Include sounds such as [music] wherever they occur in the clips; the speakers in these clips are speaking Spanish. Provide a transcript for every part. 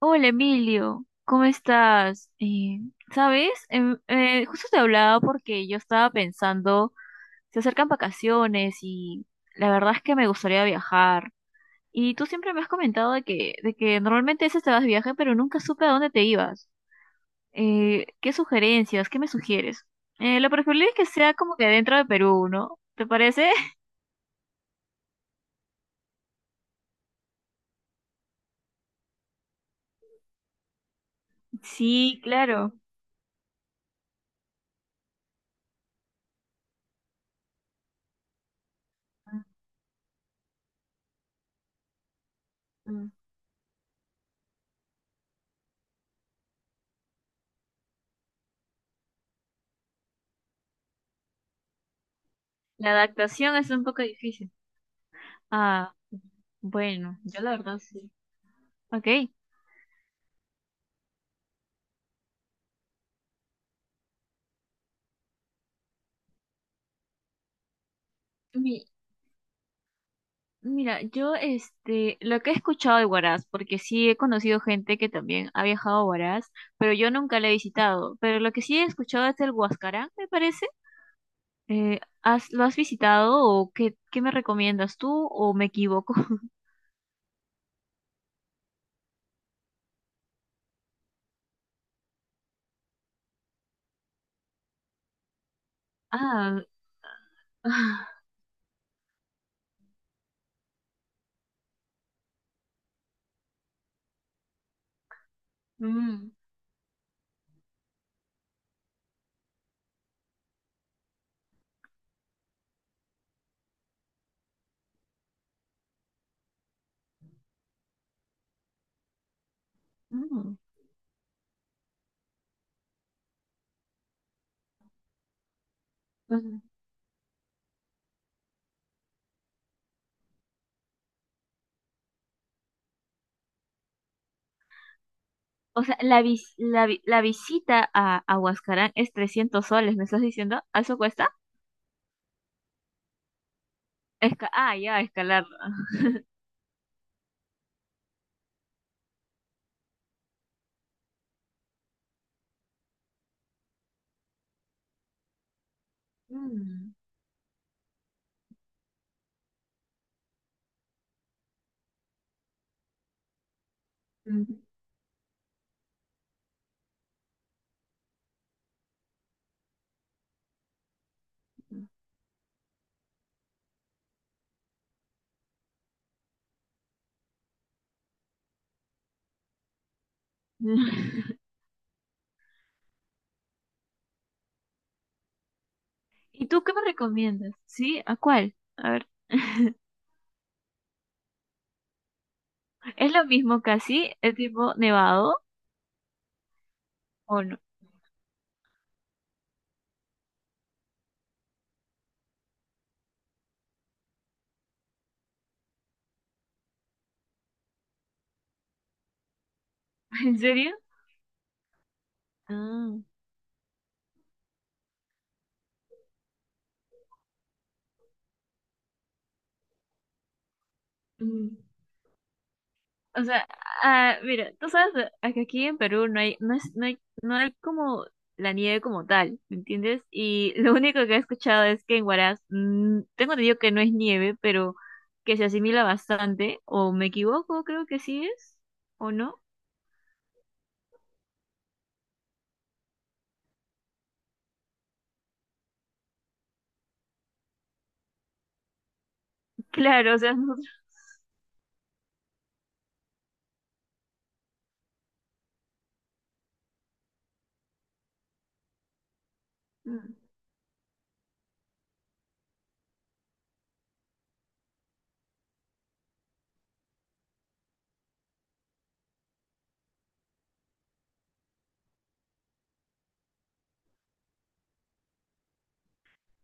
Hola Emilio, ¿cómo estás? ¿Sabes? Justo te hablaba porque yo estaba pensando, se acercan vacaciones y la verdad es que me gustaría viajar. Y tú siempre me has comentado de que normalmente a veces te vas de viaje, pero nunca supe a dónde te ibas. ¿Qué sugerencias? ¿Qué me sugieres? Lo preferible es que sea como que dentro de Perú, ¿no? ¿Te parece? [laughs] Sí, claro. Mm. La adaptación es un poco difícil. Ah, bueno, yo la verdad sí. Ok. Mi- mira, yo lo que he escuchado de Huaraz, porque sí he conocido gente que también ha viajado a Huaraz, pero yo nunca la he visitado. Pero lo que sí he escuchado es el Huascarán, me parece. ¿ lo has visitado o qué me recomiendas tú o me equivoco? [laughs] Ah, ah. Mm. Mm. Mm. O sea, la visita a Huascarán es 300 soles, ¿me estás diciendo? ¿A ¿Eso cuesta? Ah, ya, escalar. Mm. Mm. [laughs] ¿Y tú qué me recomiendas? ¿Sí? ¿A cuál? A ver. [laughs] ¿Es lo mismo casi? ¿Es tipo nevado o no? [laughs] ¿En serio? Ah. Mm. O sea, ah, mira, tú sabes que aquí en Perú no hay, no es, no hay, no hay como la nieve como tal, ¿me entiendes? Y lo único que he escuchado es que en Huaraz, tengo entendido que no es nieve, pero que se asimila bastante, o me equivoco, creo que sí es, o no. [laughs] Claro, o sea, [laughs]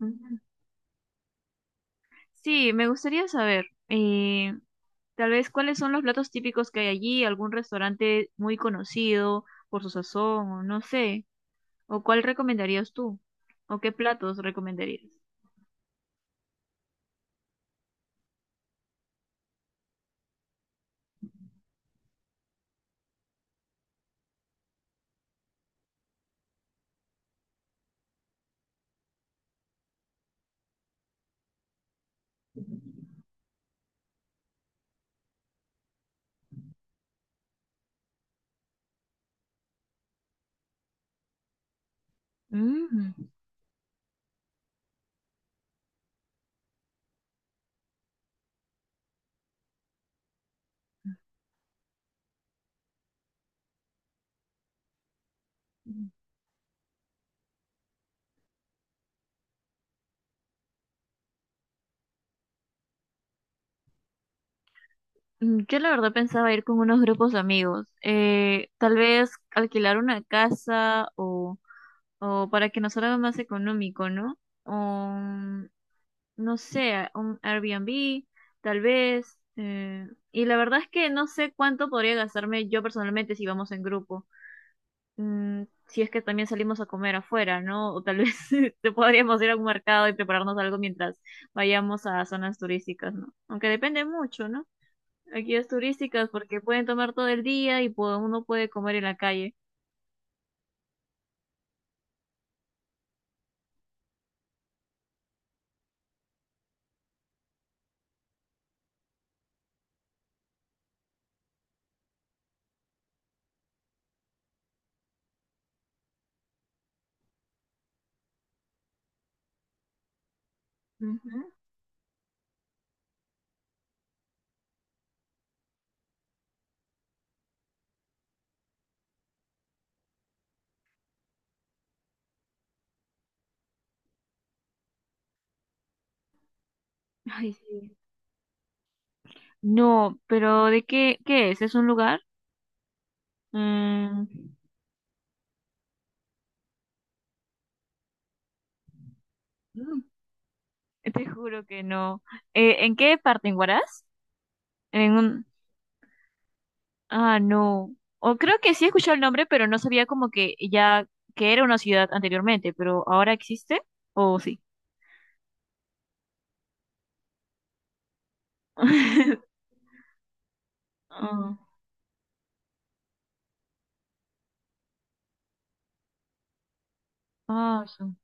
nosotros- Sí, me gustaría saber, tal vez cuáles son los platos típicos que hay allí, algún restaurante muy conocido por su sazón, o no sé, o cuál recomendarías tú, o qué platos recomendarías. Mm. Yo la verdad pensaba ir con unos grupos de amigos, tal vez alquilar una casa o para que nos salga más económico, ¿no? O no sé, un Airbnb, tal vez. Y la verdad es que no sé cuánto podría gastarme yo personalmente si vamos en grupo. Si es que también salimos a comer afuera, ¿no? O tal vez [laughs] te podríamos ir a un mercado y prepararnos algo mientras vayamos a zonas turísticas, ¿no? Aunque depende mucho, ¿no? Aquí es turísticas porque pueden tomar todo el día y pu- uno puede comer en la calle. Ujú. Ay, sí. No, pero ¿de qué es? ¿Es un lugar? Mm. Te juro que no. ¿En qué parte? ¿En Huaraz? En un... Ah, no. O creo que sí he escuchado el nombre, pero no sabía como que ya que era una ciudad anteriormente, pero ahora existe o sí. [laughs] Ah, ah.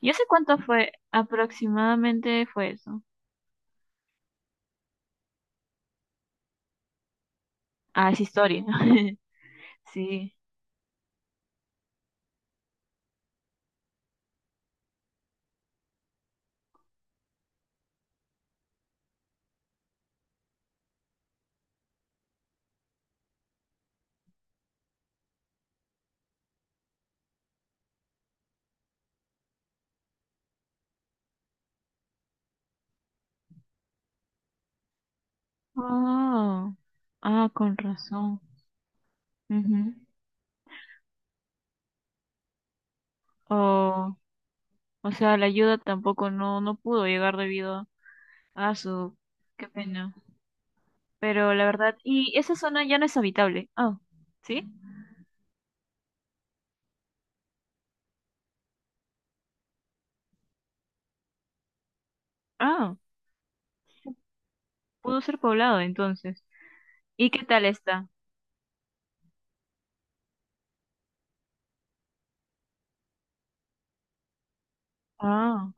Yo sé cuánto fue, aproximadamente fue eso. Ah, es historia. [laughs] Sí. Ah, ah, con razón. Ujú. Oh, o sea, la ayuda tampoco no pudo llegar debido a su... Qué pena. Pero la verdad, y esa zona ya no es habitable. Ah, ¿sí? Ah, pudo ser poblado entonces. ¿Y qué tal está? Ah,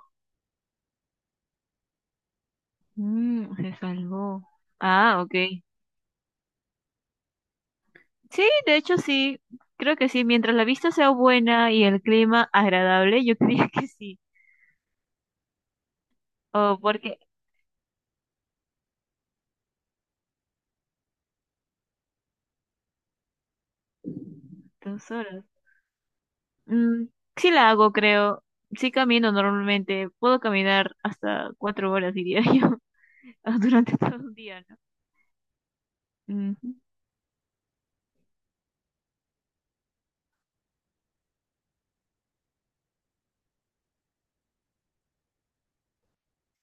se salvó. Ah, ok. Sí, de hecho sí, creo que sí. Mientras la vista sea buena y el clima agradable, yo [laughs] creía que sí. o porque 2 horas. Mm, sí la hago, creo. Sí camino normalmente. Puedo caminar hasta 4 horas, diría [laughs] yo, durante todo un día, ¿no? Ujú.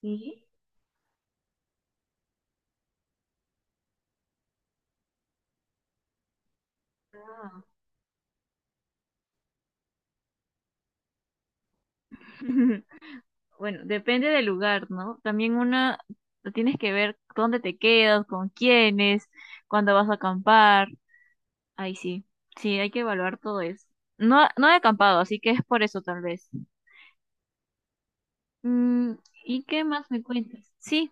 Sí. Ah. [laughs] Bueno, depende del lugar, ¿no? También tienes que ver dónde te quedas, con quiénes, cuándo vas a acampar. Ahí sí, sí, hay que evaluar todo eso. No, no he acampado, así que es por eso tal vez. Mm, ¿y qué más me cuentas? Sí.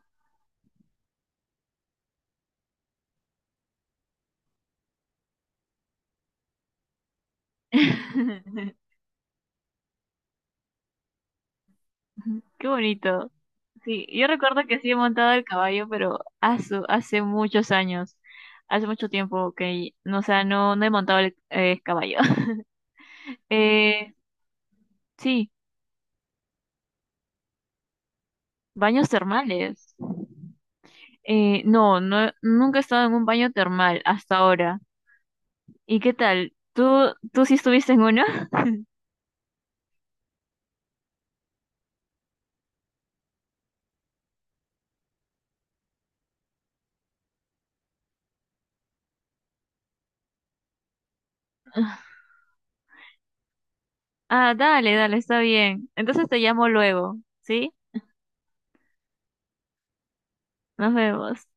[laughs] Qué bonito. Sí, yo recuerdo que sí he montado el caballo, pero hace muchos años, hace mucho tiempo que, no, o sea, no he montado el caballo. [laughs] Eh, sí, baños termales. No, no, nunca he estado en un baño termal hasta ahora. ¿Y qué tal? ¿Tú sí estuviste en uno? [laughs] Ah, dale, dale, está bien. Entonces te llamo luego, ¿sí? Nos vemos.